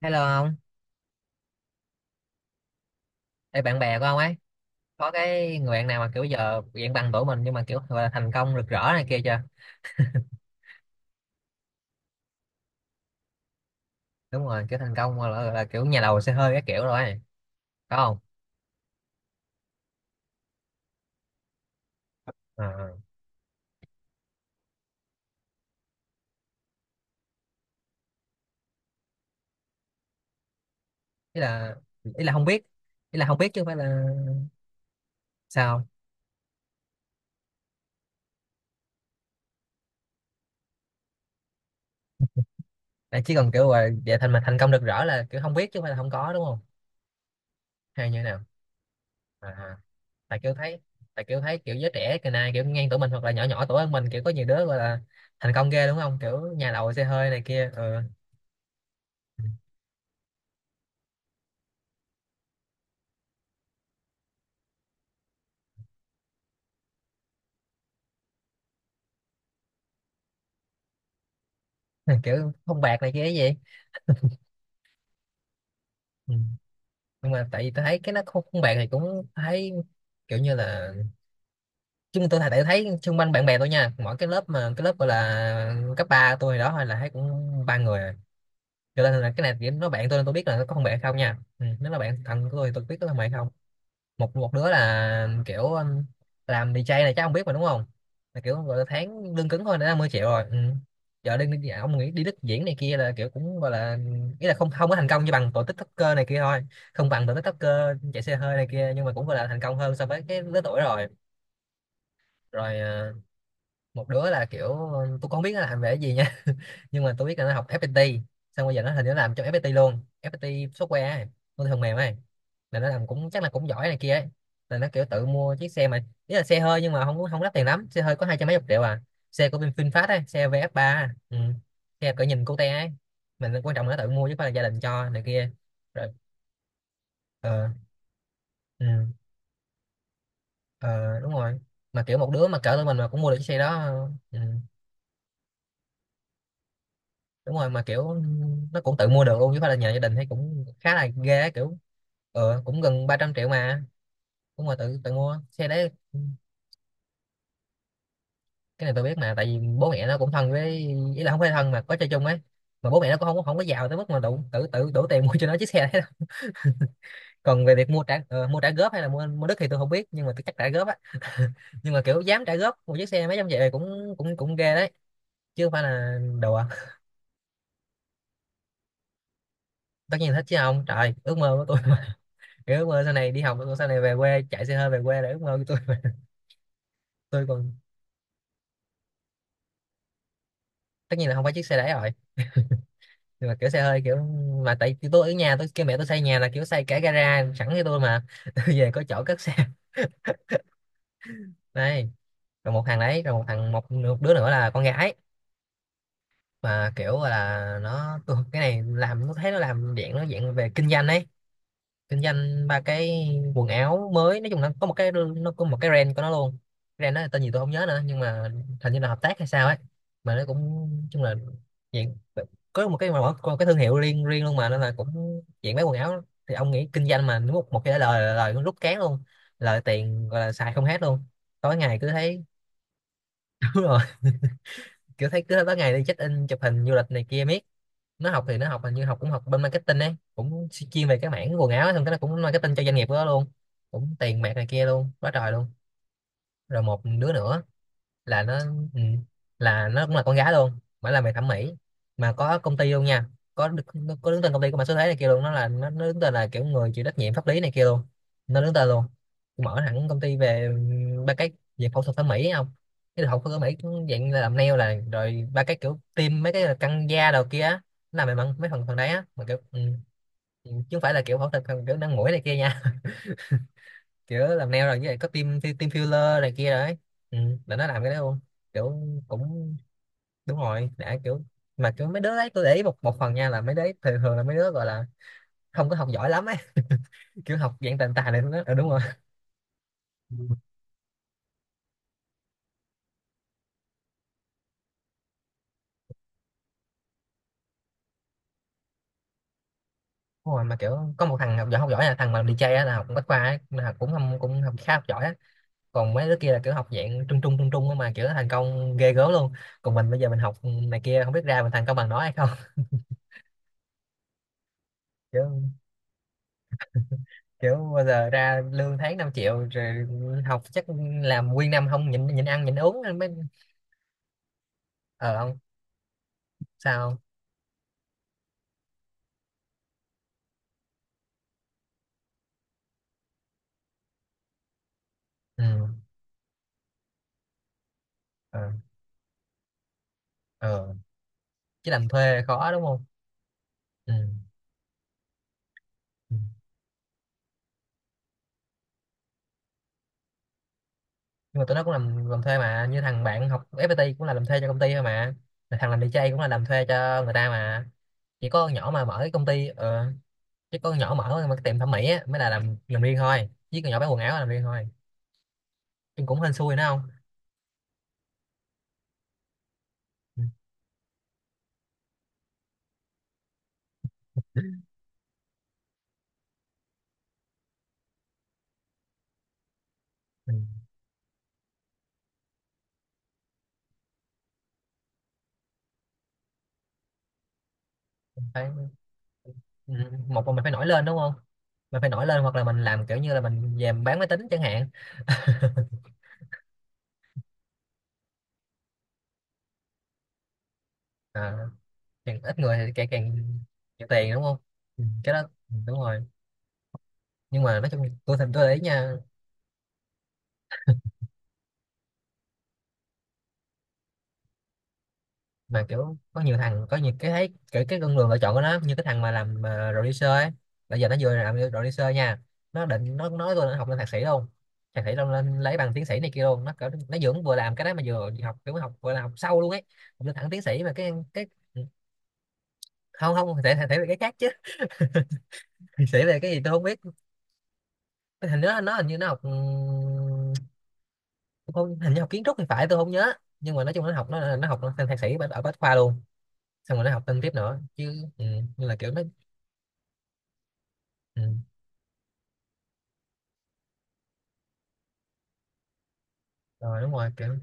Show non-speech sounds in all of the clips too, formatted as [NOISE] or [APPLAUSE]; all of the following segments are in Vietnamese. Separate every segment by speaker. Speaker 1: Hello ông. Ê, bạn bè của ông ấy có cái người bạn nào mà kiểu giờ dạng bằng tuổi mình nhưng mà kiểu gọi là thành công rực rỡ này kia chưa? Đúng rồi, kiểu thành công gọi là kiểu nhà đầu xe hơi cái kiểu rồi ấy. Có không? À, ý là ý là không biết, ý là không biết chứ không phải là sao. À, chỉ cần kiểu là về thành mà thành công rực rỡ là kiểu không biết chứ không phải là không có đúng không, hay như thế nào. À, tại kiểu thấy, tại kiểu thấy kiểu giới trẻ cái này kiểu ngang tuổi mình hoặc là nhỏ nhỏ tuổi hơn mình kiểu có nhiều đứa gọi là thành công ghê đúng không, kiểu nhà đầu xe hơi này kia, ừ. [LAUGHS] Kiểu không bạc này kia cái gì. Ừ. Nhưng mà tại vì tôi thấy cái nó không, không bạn thì cũng thấy kiểu như là chung tôi thấy, thấy xung quanh bạn bè tôi nha, mỗi cái lớp mà cái lớp gọi là cấp 3 tôi hồi đó hay là thấy cũng ba người à. Cho nên là cái này chỉ nó bạn tôi nên tôi biết là nó có không bạn không nha, ừ. Nếu là bạn thân của tôi thì tôi biết có không bạn không. Một một đứa là kiểu làm DJ này chắc không biết mà đúng không, là kiểu gọi là tháng lương cứng thôi đã 50 triệu rồi, ừ. Giờ đi đi- ông nghĩ đi Đức diễn này kia là kiểu cũng gọi là, ý là không không có thành công như bằng tụi TikToker này kia thôi, không bằng tụi TikToker chạy xe hơi này kia nhưng mà cũng gọi là thành công hơn so với cái lứa tuổi rồi. Rồi, ờ, một đứa là kiểu tôi không biết nó làm về cái gì nha [LAUGHS] nhưng mà tôi biết là nó học FPT, xong bây giờ nó hình như nó làm trong FPT luôn, FPT software ấy, con phần mềm ấy, là nó làm cũng chắc là cũng giỏi này kia ấy, là nó kiểu tự mua chiếc xe mà ý là xe hơi nhưng mà không không đắt tiền lắm, xe hơi có hai trăm mấy chục triệu à, xe của bên VinFast ấy, xe VF3, ừ. Xe cỡ nhìn cute ấy, mình quan trọng là nó tự mua chứ không phải là gia đình cho này kia. Rồi, ờ, ừ. Ờ đúng rồi, mà kiểu một đứa mà cỡ tụi mình mà cũng mua được chiếc xe đó, ừ. Đúng rồi, mà kiểu nó cũng tự mua được luôn chứ không phải là nhờ gia đình, thấy cũng khá là ghê á, kiểu ờ cũng gần 300 triệu mà, cũng mà tự tự mua xe đấy. Cái này tôi biết mà tại vì bố mẹ nó cũng thân với, ý là không phải thân mà có chơi chung ấy, mà bố mẹ nó cũng không không có giàu tới mức mà đủ tự tự đủ tiền mua cho nó chiếc xe đấy đâu. Còn về việc mua trả ờ, mua trả góp hay là mua mua đất thì tôi không biết nhưng mà tôi chắc trả góp á. [LAUGHS] Nhưng mà kiểu dám trả góp một chiếc xe mấy trăm triệu thì cũng cũng cũng ghê đấy, chứ không phải là đùa. Tất nhiên thích chứ không, trời, ước mơ của tôi kiểu ước mơ sau này đi học, ước mơ sau này về quê chạy xe hơi về quê là ước mơ của tôi [LAUGHS] mà. Tôi còn, tất nhiên là không phải chiếc xe đấy rồi, nhưng mà kiểu xe hơi kiểu, mà tại vì tôi ở nhà tôi kêu mẹ tôi xây nhà là kiểu xây cả gara sẵn cho tôi mà [LAUGHS] tôi về có chỗ cất xe. [LAUGHS] Đây. Rồi một thằng đấy, rồi một thằng, một đứa nữa là con gái mà kiểu là nó tôi, cái này làm nó thấy nó làm dạng nó dạng về kinh doanh ấy, kinh doanh ba cái quần áo. Mới nói chung là có một cái nó có một cái brand của nó luôn, brand đó là tên gì tôi không nhớ nữa nhưng mà hình như là hợp tác hay sao ấy, mà nó cũng nói chung là dạng có một cái mà có một cái thương hiệu riêng riêng luôn mà, nên là cũng dạng bán quần áo thì ông nghĩ kinh doanh mà một một cái lời, lời nó rút cán luôn, lời tiền gọi là xài không hết luôn. Tối ngày cứ thấy, [LAUGHS] đúng rồi, kiểu thấy cứ tới ngày đi check in chụp hình du lịch này kia miết. Nó học thì nó học hình như học cũng học bên marketing ấy, cũng chuyên về cái mảng quần áo ấy, xong cái nó cũng marketing cho doanh nghiệp của nó luôn, cũng tiền bạc này kia luôn quá trời luôn. Rồi một đứa nữa là nó, ừ, là nó cũng là con gái luôn mà làm về thẩm mỹ, mà có công ty luôn nha, có đứng tên công ty của mã số thế này kia luôn, nó là nó đứng tên là kiểu người chịu trách nhiệm pháp lý này kia luôn, nó đứng tên luôn. Mở hẳn công ty về ba cái, về phẫu thuật thẩm mỹ ấy không, cái phẫu thuật thẩm mỹ cũng dạng như là làm nail là rồi ba cái kiểu tiêm mấy cái là căng da đầu kia á, nó làm về mấy phần phần đấy á, mà kiểu ừ, ừ, chứ không phải là kiểu phẫu thuật kiểu nâng mũi này kia nha. Kiểu làm nail rồi như vậy có team team filler này kia đấy, ừ, là nó làm cái đấy luôn kiểu. Cũng đúng rồi, đã kiểu, mà kiểu mấy đứa đấy tôi để ý một một phần nha, là mấy đứa ấy thường thường là mấy đứa gọi là không có học giỏi lắm ấy, [LAUGHS] kiểu học dạng tàn tà này nó, ừ, đúng rồi. Ừ, đúng rồi, mà kiểu có một thằng học giỏi, học giỏi là thằng mà làm DJ á, là học bách khoa ấy, là cũng không cũng học khá học giỏi á. Còn mấy đứa kia là kiểu học dạng trung trung á mà kiểu thành công ghê gớm luôn. Còn mình bây giờ mình học này kia không biết ra mình thành công bằng nó hay không. [LAUGHS] Kiểu, kiểu bao giờ ra lương tháng 5 triệu rồi học chắc làm nguyên năm không nhịn nhịn ăn nhịn uống anh mới, ờ không. Sao không? Ừ. Ờ, ờ, chứ làm thuê khó đúng không, ừ. Ừ. Nhưng mà tụi nó cũng làm thuê mà, như thằng bạn học FPT cũng là làm thuê cho công ty thôi mà, thằng làm đi DJ cũng là làm thuê cho người ta mà. Chỉ có con nhỏ mà mở cái công ty ờ, chứ có con nhỏ mở mà cái tiệm thẩm mỹ á mới là làm riêng thôi, chứ con nhỏ bán quần áo là làm riêng thôi. Nhưng cũng hên xui nữa không, ừ. Ừ. Đấy. Ừ, một là mình phải nổi lên đúng không, mình phải nổi lên hoặc là mình làm kiểu như là mình về mình bán máy tính chẳng hạn. À, càng ít người thì càng càng nhiều tiền đúng không, ừ, cái đó, ừ, đúng rồi. Nhưng mà nói chung tôi thành tôi để ý nha, mà kiểu có nhiều thằng có nhiều cái thấy cái con đường lựa chọn của nó, như cái thằng mà làm mà producer ấy, bây giờ nó vừa làm producer nha, nó định nó nói tôi nó học lên thạc sĩ luôn, thạc sĩ luôn, lên lấy bằng tiến sĩ này kia luôn, nó kiểu nó vừa vừa làm cái đó mà vừa học kiểu học vừa là học sâu luôn ấy, học lên thẳng tiến sĩ mà cái ừ, không không thể thể về cái khác chứ. [LAUGHS] Thể về cái gì tôi không biết, hình nó hình như nó học tôi không, hình như học kiến trúc thì phải, tôi không nhớ, nhưng mà nói chung nó học, nó học lên thạc sĩ ở ở Bách Khoa luôn, xong rồi nó học thêm tiếp nữa chứ ừ, như là kiểu nó, ừ, rồi đúng rồi kiểu,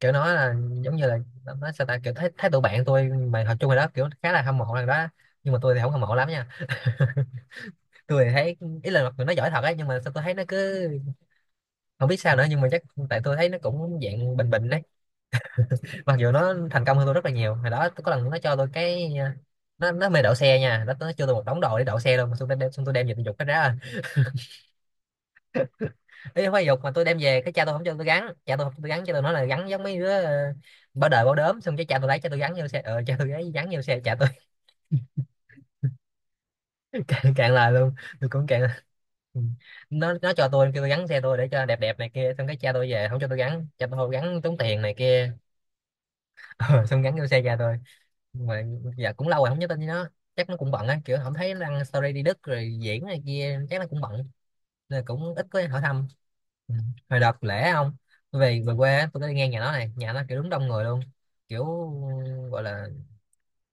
Speaker 1: kiểu nó là giống như là nó sao ta kiểu thấy, thấy tụi bạn tôi mà học chung rồi đó kiểu khá là hâm mộ thằng đó, nhưng mà tôi thì không hâm mộ lắm nha, tôi thì thấy ý là mặc dù nó giỏi thật ấy nhưng mà sao tôi thấy nó cứ không biết sao nữa, nhưng mà chắc tại tôi thấy nó cũng dạng bình bình đấy, mặc dù nó thành công hơn tôi rất là nhiều. Hồi đó có lần nó cho tôi cái ờ, nó mê đậu xe nha, nó cho tôi một đống đồ để đậu xe luôn mà, xong tôi đem, xong tôi đem về tôi giục cái ra, ý không phải giục mà tôi đem về, cái cha tôi không cho tôi gắn, cha tôi không cho tôi gắn, cha tôi nói là gắn giống mấy đứa ờ, bao đời bao đốm, xong cái cha tôi lấy cha tôi gắn vô xe ờ cha tôi lấy gắn vô xe cha tôi. [LAUGHS] Càng càng lời luôn, tôi cũng càng. Ừ. Nó cho tôi kêu tôi gắn xe tôi để cho đẹp đẹp này kia, xong cái cha tôi về không cho tôi gắn, cha tôi không gắn tốn tiền này kia, ờ, xong gắn vô xe cha tôi. Nhưng mà dạ cũng lâu rồi không nhắn tin với nó, chắc nó cũng bận á, kiểu không thấy đăng story đi Đức rồi diễn này kia, chắc nó cũng bận nên cũng ít có hỏi thăm, ừ. Hồi đợt lễ không, tôi về về quê á, tôi có đi ngang nhà nó này, nhà nó kiểu đúng đông người luôn, kiểu gọi là,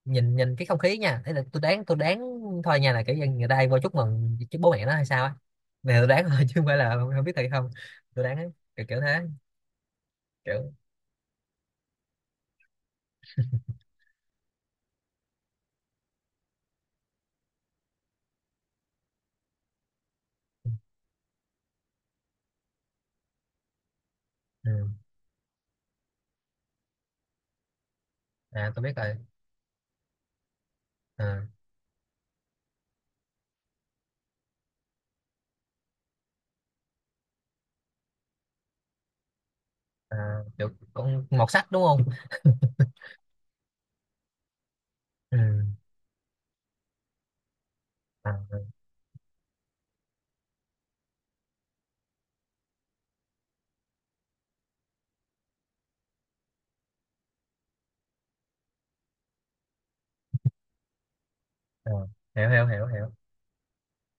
Speaker 1: nhìn nhìn cái không khí nha, thế là tôi đoán, tôi đoán thôi nha, là kiểu dân người ta hay vô chúc mừng chứ bố mẹ nó hay sao á, này tôi đoán [LAUGHS] thôi chứ không phải là không, không biết thiệt không, tôi đoán á, kiểu kiểu thế kiểu, ừ. À tôi biết rồi, à, à, kiểu con một sách đúng không, ừ. À. Ờ, hiểu hiểu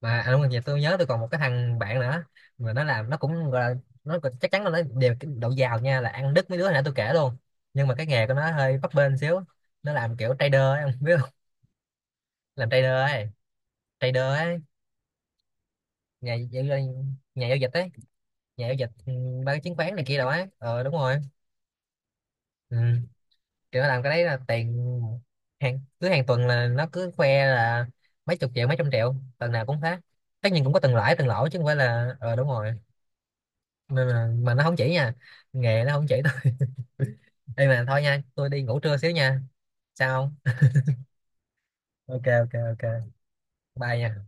Speaker 1: mà à, đúng rồi, vậy tôi nhớ tôi còn một cái thằng bạn nữa, mà nó làm, nó cũng gọi là nó cũng- chắc chắn là nó đều cái độ giàu nha, là ăn đứt mấy đứa hồi nãy tôi kể luôn, nhưng mà cái nghề của nó hơi bấp bênh xíu. Nó làm kiểu trader ấy, không biết không, làm trader ấy, trader ấy, nhà giao, nhà giao dịch ấy, nhà giao dịch ừ, ba cái chứng khoán này kia đâu ấy, ờ đúng rồi, ừ. Kiểu nó làm cái đấy là tiền hàng, cứ hàng tuần là nó cứ khoe là mấy chục triệu mấy trăm triệu tuần nào cũng thế, tất nhiên cũng có từng lãi từng lỗ chứ không phải là ờ đúng rồi, nên là mà nó không chỉ nha, nghề nó không chỉ tôi. [LAUGHS] Đây mà thôi nha, tôi đi ngủ trưa xíu nha. Sao không? OK, OK, OK, bye nha.